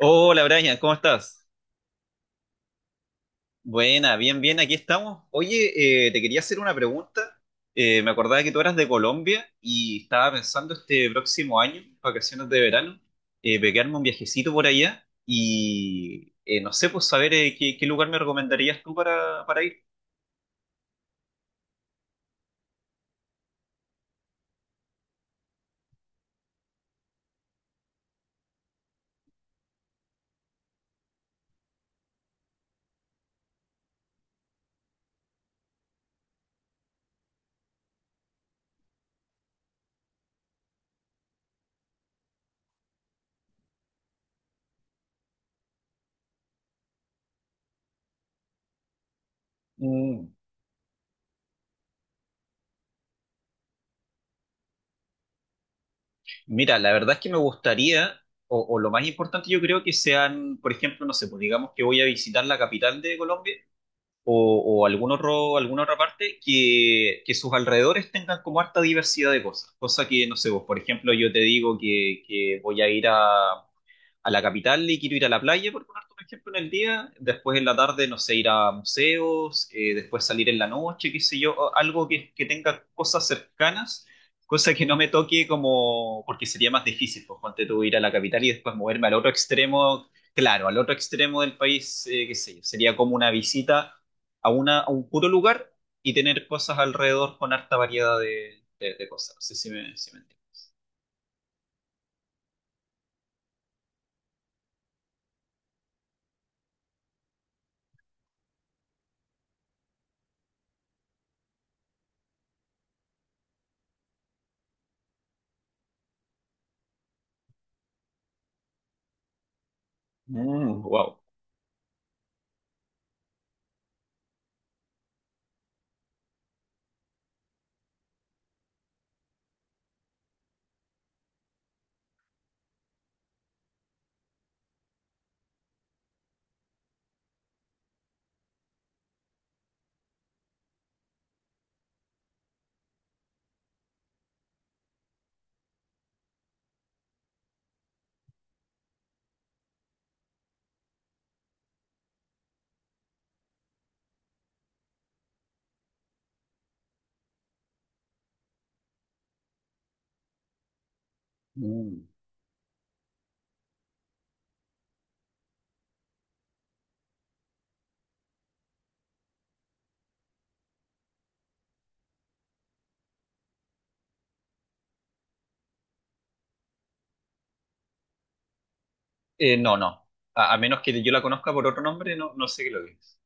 Hola Brian, ¿cómo estás? Buena, bien, bien, aquí estamos. Oye, te quería hacer una pregunta. Me acordaba que tú eras de Colombia y estaba pensando este próximo año, vacaciones de verano, pegarme un viajecito por allá y no sé, pues saber qué, qué lugar me recomendarías tú para ir. Mm, mira, la verdad es que me gustaría, o lo más importante yo creo que sean, por ejemplo, no sé, pues digamos que voy a visitar la capital de Colombia o algún otro, alguna otra parte que sus alrededores tengan como harta diversidad de cosas. Cosa que, no sé, vos, por ejemplo, yo te digo que voy a ir a la capital y quiero ir a la playa, por ponerte un ejemplo, en el día, después en la tarde, no sé, ir a museos, después salir en la noche, qué sé yo, o algo que tenga cosas cercanas, cosa que no me toque como, porque sería más difícil, pues, ponte tú ir a la capital y después moverme al otro extremo, claro, al otro extremo del país, qué sé yo, sería como una visita a un puro lugar y tener cosas alrededor con harta variedad de cosas, no sé si me entiendo. Mm, wow. Mm. No, no. A menos que yo la conozca por otro nombre, no, no sé qué lo es.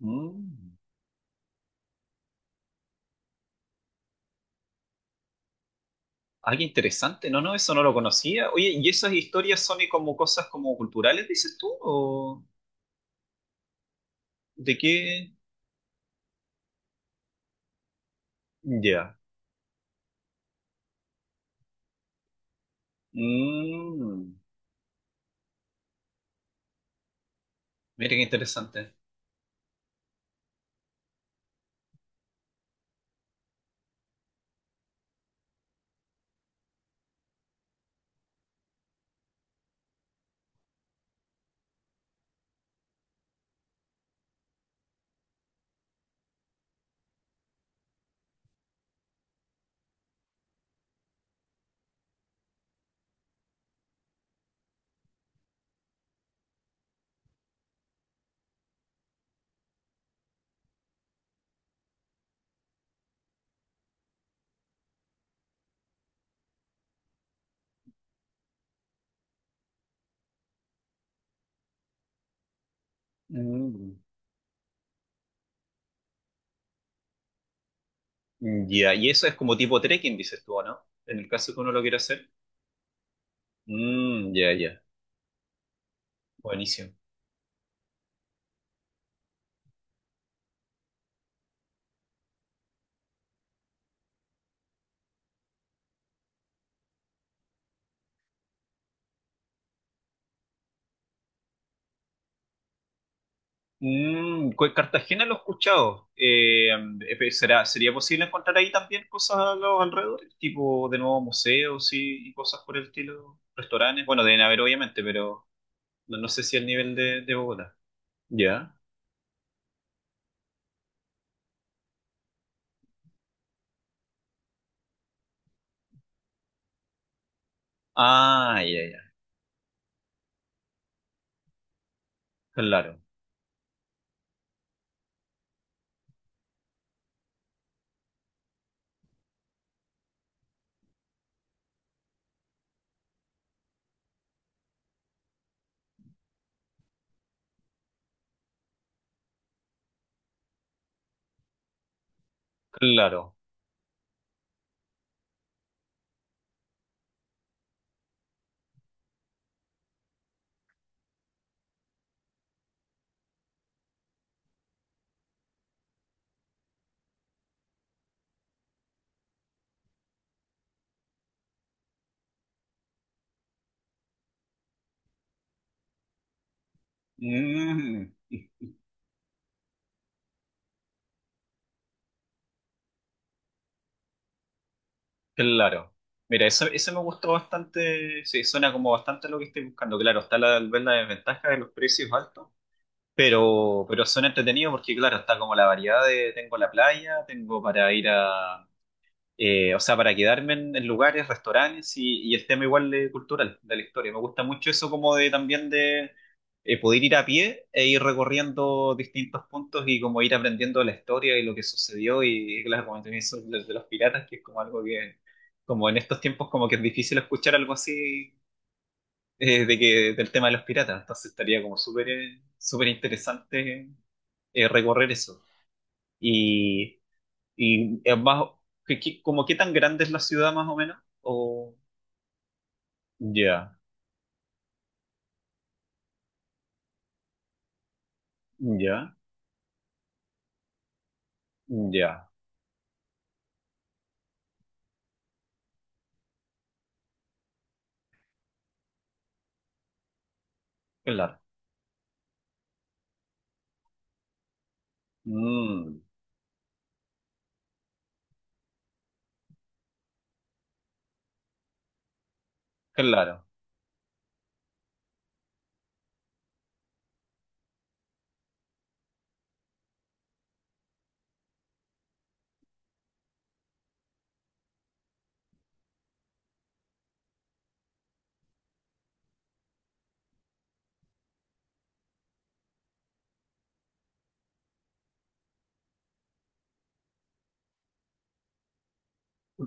Mm. Ah, qué interesante. No, no, eso no lo conocía. Oye, ¿y esas historias son y como cosas como culturales, dices tú? ¿O de qué? Ya. Mm. Mira qué interesante. Mm. Ya, y eso es como tipo trekking, dices tú, ¿o no? En el caso que uno lo quiera hacer. Mm, ya, ya. Buenísimo. Mm, Cartagena lo he escuchado. ¿Será, sería posible encontrar ahí también cosas a los alrededores? Tipo, de nuevo, museos y cosas por el estilo. Restaurantes. Bueno, deben haber, obviamente, pero no, no sé si el nivel de Bogotá. ¿Ya? Ah, ya, ya. Claro, claro. Mm, claro. Mira, eso me gustó bastante. Sí, suena como bastante lo que estoy buscando. Claro, está la, ver la desventaja de los precios altos. Pero son entretenidos porque, claro, está como la variedad de tengo la playa, tengo para ir a, o sea, para quedarme en lugares, restaurantes y el tema igual de cultural, de la historia. Me gusta mucho eso como de también de poder ir a pie e ir recorriendo distintos puntos y como ir aprendiendo la historia y lo que sucedió y, claro, como también eso de los piratas, que es como algo que, como en estos tiempos como que es difícil escuchar algo así del tema de los piratas. Entonces estaría como súper súper interesante recorrer eso. Y, y es más, qué como qué tan grande es la ciudad más o menos? O, ya, ya, ya, claro. Mm, claro.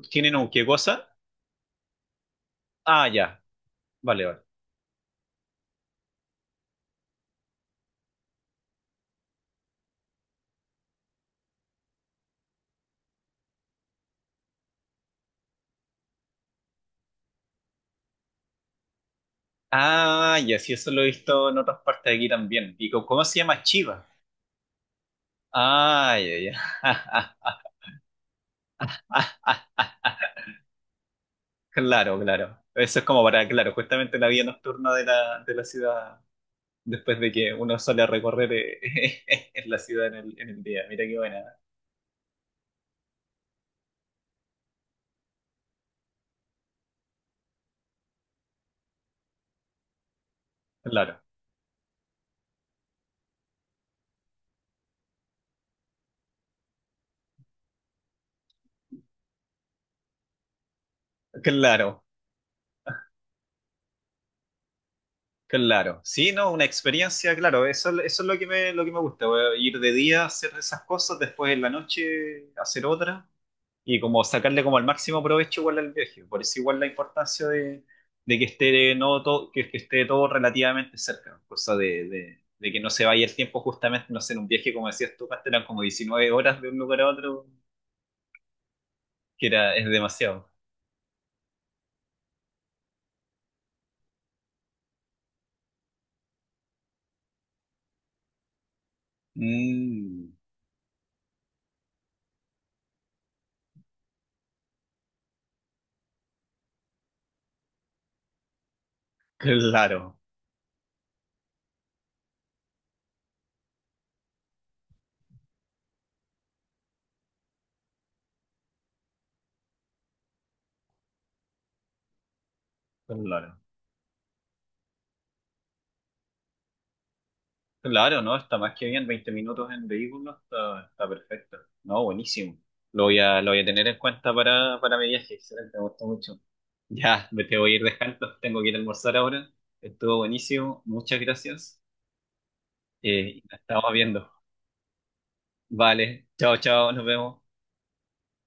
¿Tienen un qué cosa? Ah, ya, vale, vale. Ah, ya, sí, eso lo he visto en otras partes de aquí también. ¿Y cómo se llama Chiva? Ah, ya, ya. Claro, claro. Eso es como para, claro, justamente la vida nocturna de la ciudad después de que uno sale a recorrer en la ciudad en el día. Mira qué buena. Claro, claro, claro. Sí, no, una experiencia, claro, eso es lo que me gusta, ir de día a hacer esas cosas, después en la noche hacer otra. Y como sacarle como el máximo provecho igual al viaje. Por eso igual la importancia de que esté no todo, que esté todo relativamente cerca, cosa de que no se vaya el tiempo justamente, no sé, en un viaje como decías tú, Cast, eran como 19 horas de un lugar a otro, que era, es demasiado. Mm, claro, claro. Claro, ¿no? Está más que bien, 20 minutos en vehículo, está, está perfecto. No, buenísimo. Lo voy a tener en cuenta para mi viaje, excelente, me gustó mucho. Ya, me te voy a ir dejando. Tengo que ir a almorzar ahora. Estuvo buenísimo. Muchas gracias. Y nos estamos viendo. Vale. Chao, chao. Nos vemos.